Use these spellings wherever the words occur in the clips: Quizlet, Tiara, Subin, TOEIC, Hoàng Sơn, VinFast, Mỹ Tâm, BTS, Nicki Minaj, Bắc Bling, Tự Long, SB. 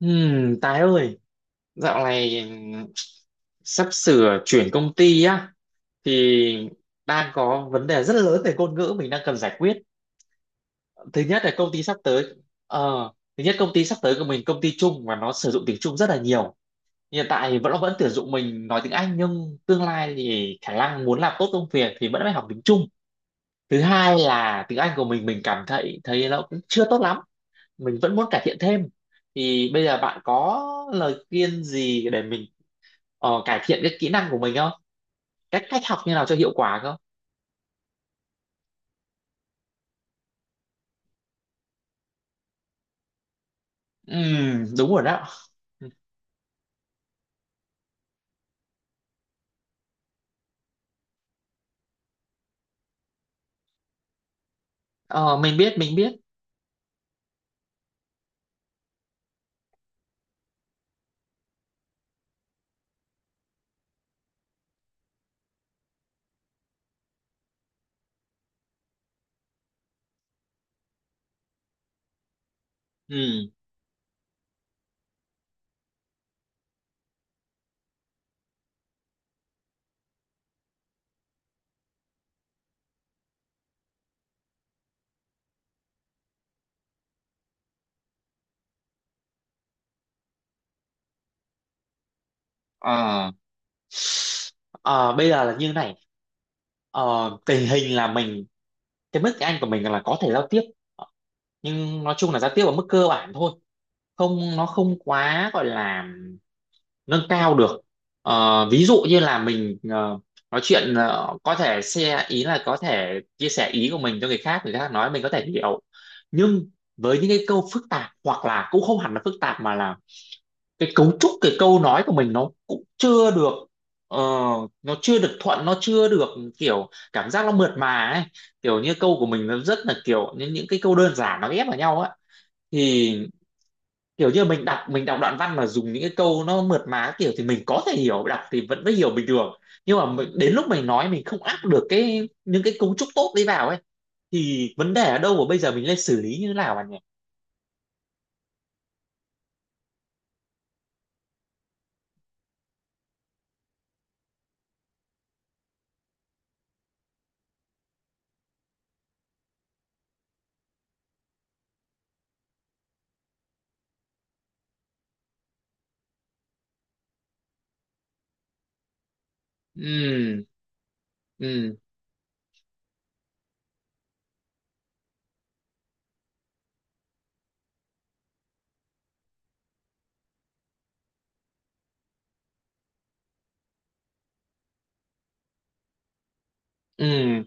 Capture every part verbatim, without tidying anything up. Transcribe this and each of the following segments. Ừm, Tài ơi, dạo này sắp sửa chuyển công ty á thì đang có vấn đề rất lớn về ngôn ngữ mình đang cần giải quyết. Thứ nhất là công ty sắp tới ờ, Thứ nhất, công ty sắp tới của mình công ty Trung và nó sử dụng tiếng Trung rất là nhiều. Hiện tại thì vẫn vẫn tuyển dụng mình nói tiếng Anh, nhưng tương lai thì khả năng muốn làm tốt công việc thì vẫn phải học tiếng Trung. Thứ hai là tiếng Anh của mình mình cảm thấy thấy nó cũng chưa tốt lắm, mình vẫn muốn cải thiện thêm. Thì bây giờ bạn có lời khuyên gì để mình ờ, cải thiện cái kỹ năng của mình không? Cách cách học như nào cho hiệu quả không? Ừ, đúng rồi đó. Ờ, mình biết mình biết. Ừm. Ờ. Ờ, bây giờ là như này. Ờ, tình hình là mình, cái mức Anh của mình là có thể giao tiếp. Ờ, nhưng nói chung là giao tiếp ở mức cơ bản thôi, không nó không quá gọi là nâng cao được. Ờ, ví dụ như là mình ờ, nói chuyện, ờ, có thể share, ý là có thể chia sẻ ý của mình cho người khác, người khác nói mình có thể hiểu. Nhưng với những cái câu phức tạp, hoặc là cũng không hẳn là phức tạp mà là cái cấu trúc cái câu nói của mình nó cũng chưa được, ờ, nó chưa được thuận, nó chưa được, kiểu cảm giác nó mượt mà ấy. Kiểu như câu của mình nó rất là kiểu những những cái câu đơn giản nó ghép vào nhau á. Thì kiểu như mình đọc mình đọc đoạn văn mà dùng những cái câu nó mượt mà kiểu thì mình có thể hiểu, đọc thì vẫn mới hiểu bình thường. Nhưng mà mình, đến lúc mình nói mình không áp được cái những cái cấu trúc tốt đấy vào ấy. Thì vấn đề ở đâu mà bây giờ mình lên xử lý như thế nào bạn nhỉ? Ừ, ừ, ừ,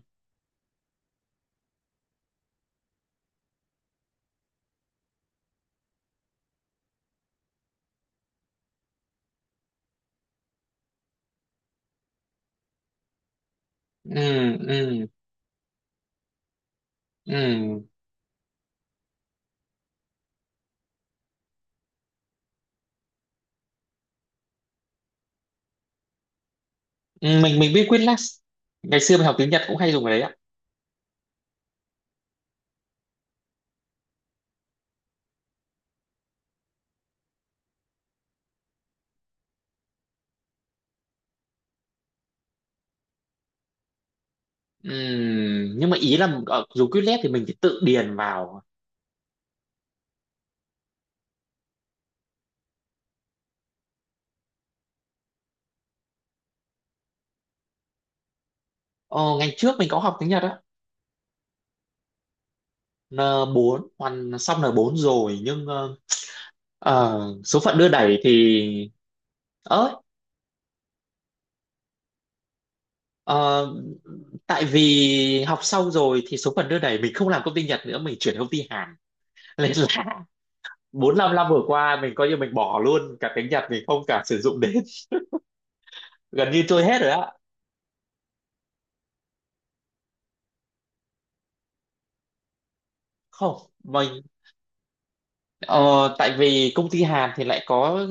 ừ, ừ, ừ. Ừ, mình mình biết Quizlet, ngày xưa mình học tiếng Nhật cũng hay dùng cái đấy ạ. Ừ, nhưng mà ý là ở dùng Quizlet thì mình phải tự điền vào. ờ, Ngày trước mình có học tiếng Nhật á, n bốn, hoàn xong n bốn rồi, nhưng ờ, Ờ, số phận đưa đẩy thì, ớ, ờ, tại vì học xong rồi thì số phận đưa đẩy mình không làm công ty Nhật nữa, mình chuyển công ty Hàn. Nên là bốn năm năm vừa qua mình coi như mình bỏ luôn cả tiếng Nhật, mình không cả sử dụng đến. Gần như trôi hết rồi á. Không. Mình ờ, tại vì công ty Hàn thì lại có,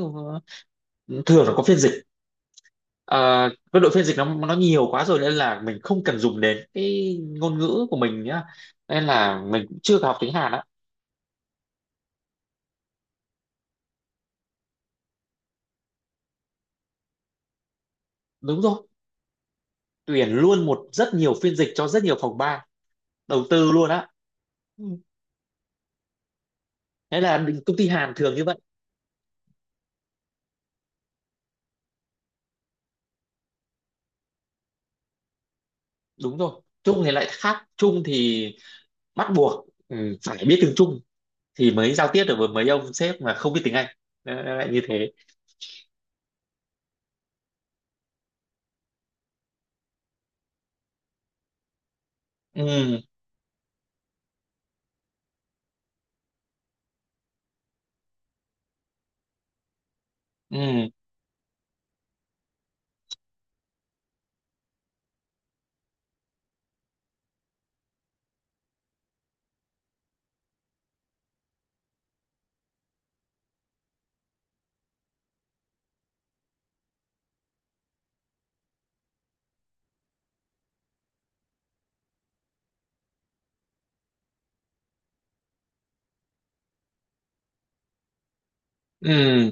thường là có phiên dịch. Ờ, cái đội phiên dịch nó nó nhiều quá rồi nên là mình không cần dùng đến cái ngôn ngữ của mình nhá, nên là mình cũng chưa học tiếng Hàn á. Đúng rồi, tuyển luôn một rất nhiều phiên dịch cho rất nhiều phòng ban, đầu tư luôn á. Ừ. Thế là công ty Hàn thường như vậy. Đúng rồi, Trung thì lại khác. Trung thì bắt buộc ừ, phải biết tiếng Trung thì mới giao tiếp được với mấy ông sếp mà không biết tiếng Anh. Nó- nó lại như thế. Ừ, ừ, ừ,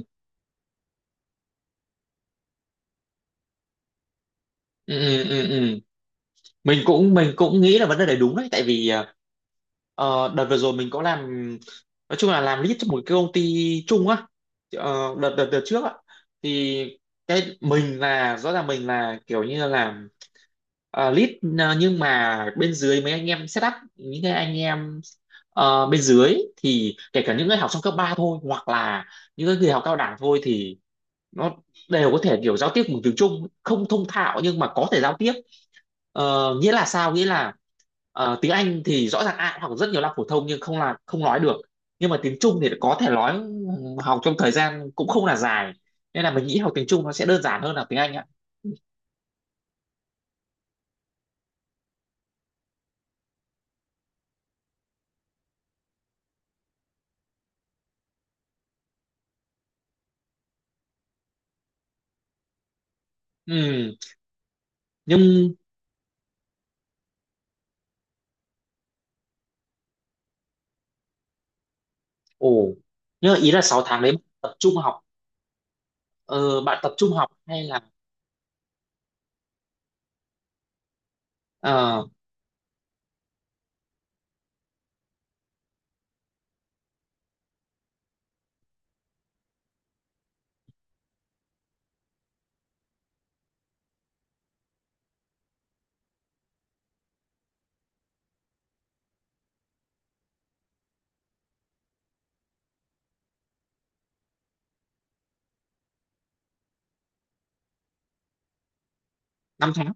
ừ, ừ, ừ, ừ. mình cũng mình cũng nghĩ là vấn đề này đúng đấy, tại vì à, ờ, đợt vừa rồi mình có làm, nói chung là làm lead cho một cái công ty chung á. Ờ, đợt, đợt đợt trước á, thì cái mình là rõ ràng mình là kiểu như là làm, ờ, lead. Ờ, nhưng mà bên dưới mấy anh em setup những cái anh em, ờ, bên dưới thì kể cả những người học trong cấp ba thôi, hoặc là những cái người học cao đẳng thôi, thì nó đều có thể kiểu giao tiếp bằng tiếng Trung, không thông thạo nhưng mà có thể giao tiếp. Ờ, nghĩa là sao, nghĩa là ờ, tiếng Anh thì rõ ràng ai cũng học rất nhiều năm phổ thông nhưng không là không nói được, nhưng mà tiếng Trung thì có thể nói, học trong thời gian cũng không là dài. Nên là mình nghĩ học tiếng Trung nó sẽ đơn giản hơn là tiếng Anh ạ. Ừ. nhưng ồ nhưng mà ý là sáu tháng đấy bạn tập trung học, ờ, bạn tập trung học hay là, uh, năm tháng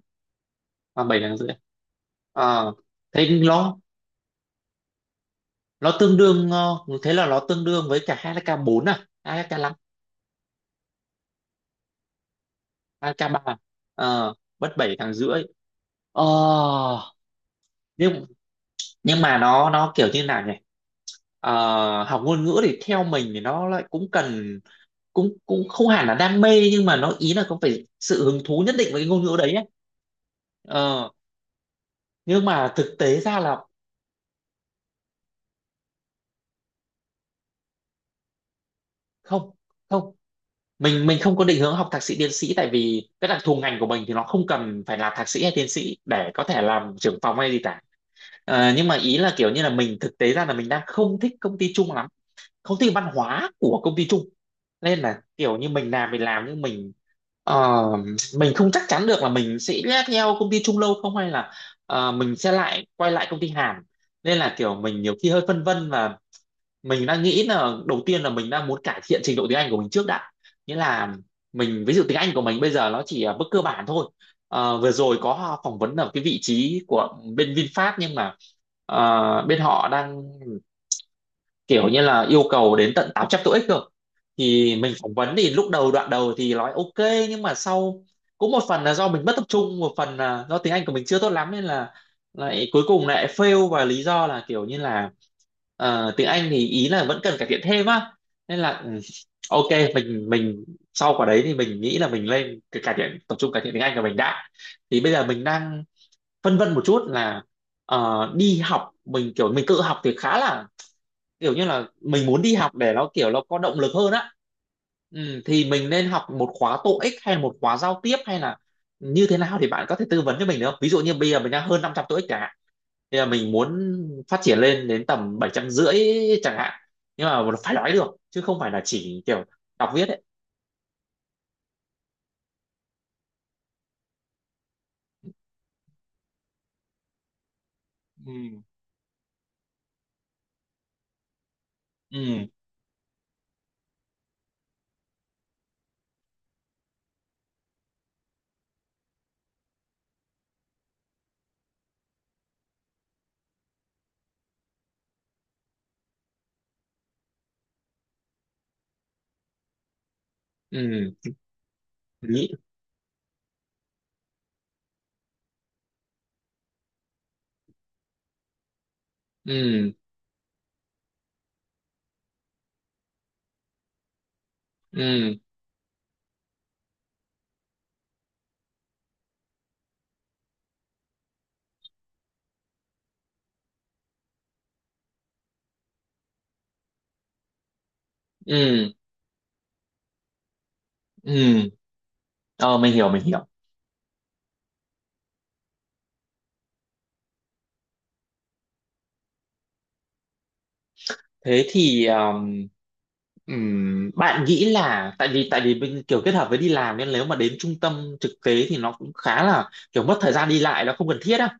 và bảy tháng rưỡi? Ờ, thế lo, nó tương đương ờ, thế là nó tương đương với cả hát sa kê bốn à? hát ca năm? hát ca ba à? Ờ, mất bảy tháng rưỡi. ờ, nhưng nhưng mà nó nó kiểu như nào nhỉ? Ờ, học ngôn ngữ thì theo mình thì nó lại cũng cần, cũng cũng không hẳn là đam mê nhưng mà nó ý là có phải sự hứng thú nhất định với cái ngôn ngữ đấy ấy. Ờ, nhưng mà thực tế ra là không, không, mình mình không có định hướng học thạc sĩ tiến sĩ, tại vì cái đặc thù ngành của mình thì nó không cần phải là thạc sĩ hay tiến sĩ để có thể làm trưởng phòng hay gì cả. Ờ, nhưng mà ý là kiểu như là mình, thực tế ra là mình đang không thích công ty chung lắm, không thích văn hóa của công ty chung. Nên là kiểu như mình làm, mình làm nhưng mình, Ờ, mình không chắc chắn được là mình sẽ theo công ty Trung Lâu không, hay là ờ, mình sẽ lại quay lại công ty Hàn. Nên là kiểu mình nhiều khi hơi phân vân, và mình đang nghĩ là đầu tiên là mình đang muốn cải thiện trình độ tiếng Anh của mình trước đã. Nghĩa là mình, ví dụ tiếng Anh của mình bây giờ nó chỉ ở mức cơ bản thôi. Ờ, vừa rồi có phỏng vấn ở cái vị trí của bên VinFast, nhưng mà ờ, bên họ đang kiểu như là yêu cầu đến tận tám trăm tuổi cơ. Thì mình phỏng vấn thì lúc đầu đoạn đầu thì nói ok, nhưng mà sau cũng một phần là do mình mất tập trung, một phần là do tiếng Anh của mình chưa tốt lắm, nên là lại cuối cùng lại fail, và lý do là kiểu như là ờ, tiếng Anh thì ý là vẫn cần cải thiện thêm á. Nên là ừ, ok, mình mình sau quả đấy thì mình nghĩ là mình lên cái cải thiện, tập trung cải thiện tiếng Anh của mình đã. Thì bây giờ mình đang phân vân một chút là, ờ, đi học mình kiểu, mình tự học thì khá là, kiểu như là mình muốn đi học để nó kiểu nó có động lực hơn á. Ừ, thì mình nên học một khóa TOEIC hay là một khóa giao tiếp, hay là như thế nào thì bạn có thể tư vấn cho mình được không? Ví dụ như bây giờ mình đang hơn năm trăm TOEIC chẳng hạn, thì là mình muốn phát triển lên đến tầm bảy trăm rưỡi chẳng hạn, nhưng mà phải nói được chứ không phải là chỉ kiểu đọc viết ấy. Ừ. Ừ, ừ, lý, ừ, ừ, ừ, ừ. Ờ mình hiểu mình hiểu. Thế thì, um, ừm, bạn nghĩ là, tại vì tại vì mình kiểu kết hợp với đi làm nên nếu mà đến trung tâm thực tế thì nó cũng khá là kiểu mất thời gian đi lại, nó không cần thiết á.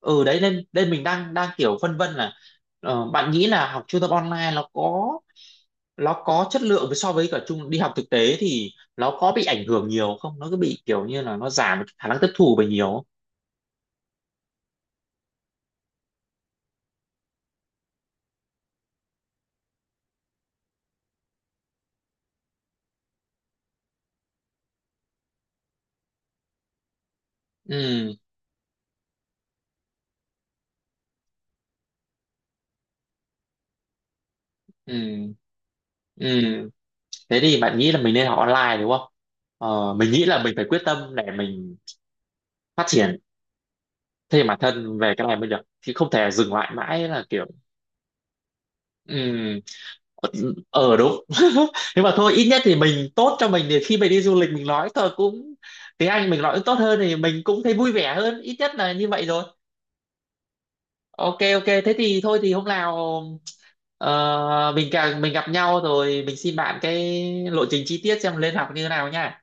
Ừ đấy, nên nên mình đang đang kiểu phân vân là, ờ, bạn nghĩ là học trung tâm online, nó có nó có chất lượng với so với cả trung đi học thực tế thì nó có bị ảnh hưởng nhiều không, nó cứ bị kiểu như là nó giảm khả năng tiếp thu về nhiều không? Ừ, ừ, ừ. Thế thì bạn nghĩ là mình nên học online đúng không? Ờ, mình nghĩ là mình phải quyết tâm để mình phát triển thêm bản thân về cái này mới được, chứ không thể dừng lại mãi là kiểu, ừm, ờ đúng. Nhưng mà thôi, ít nhất thì mình tốt cho mình thì khi mình đi du lịch mình nói thôi cũng, tiếng Anh mình nói tốt hơn thì mình cũng thấy vui vẻ hơn, ít nhất là như vậy rồi. Ok, ok, thế thì thôi, thì hôm nào ờ, mình càng, mình gặp nhau rồi mình xin bạn cái lộ trình chi tiết xem lên học như thế nào nha.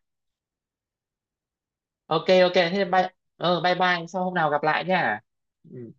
Ok, ok, thế bye. Ờ, bye bye, sau hôm nào gặp lại nha. Ừ.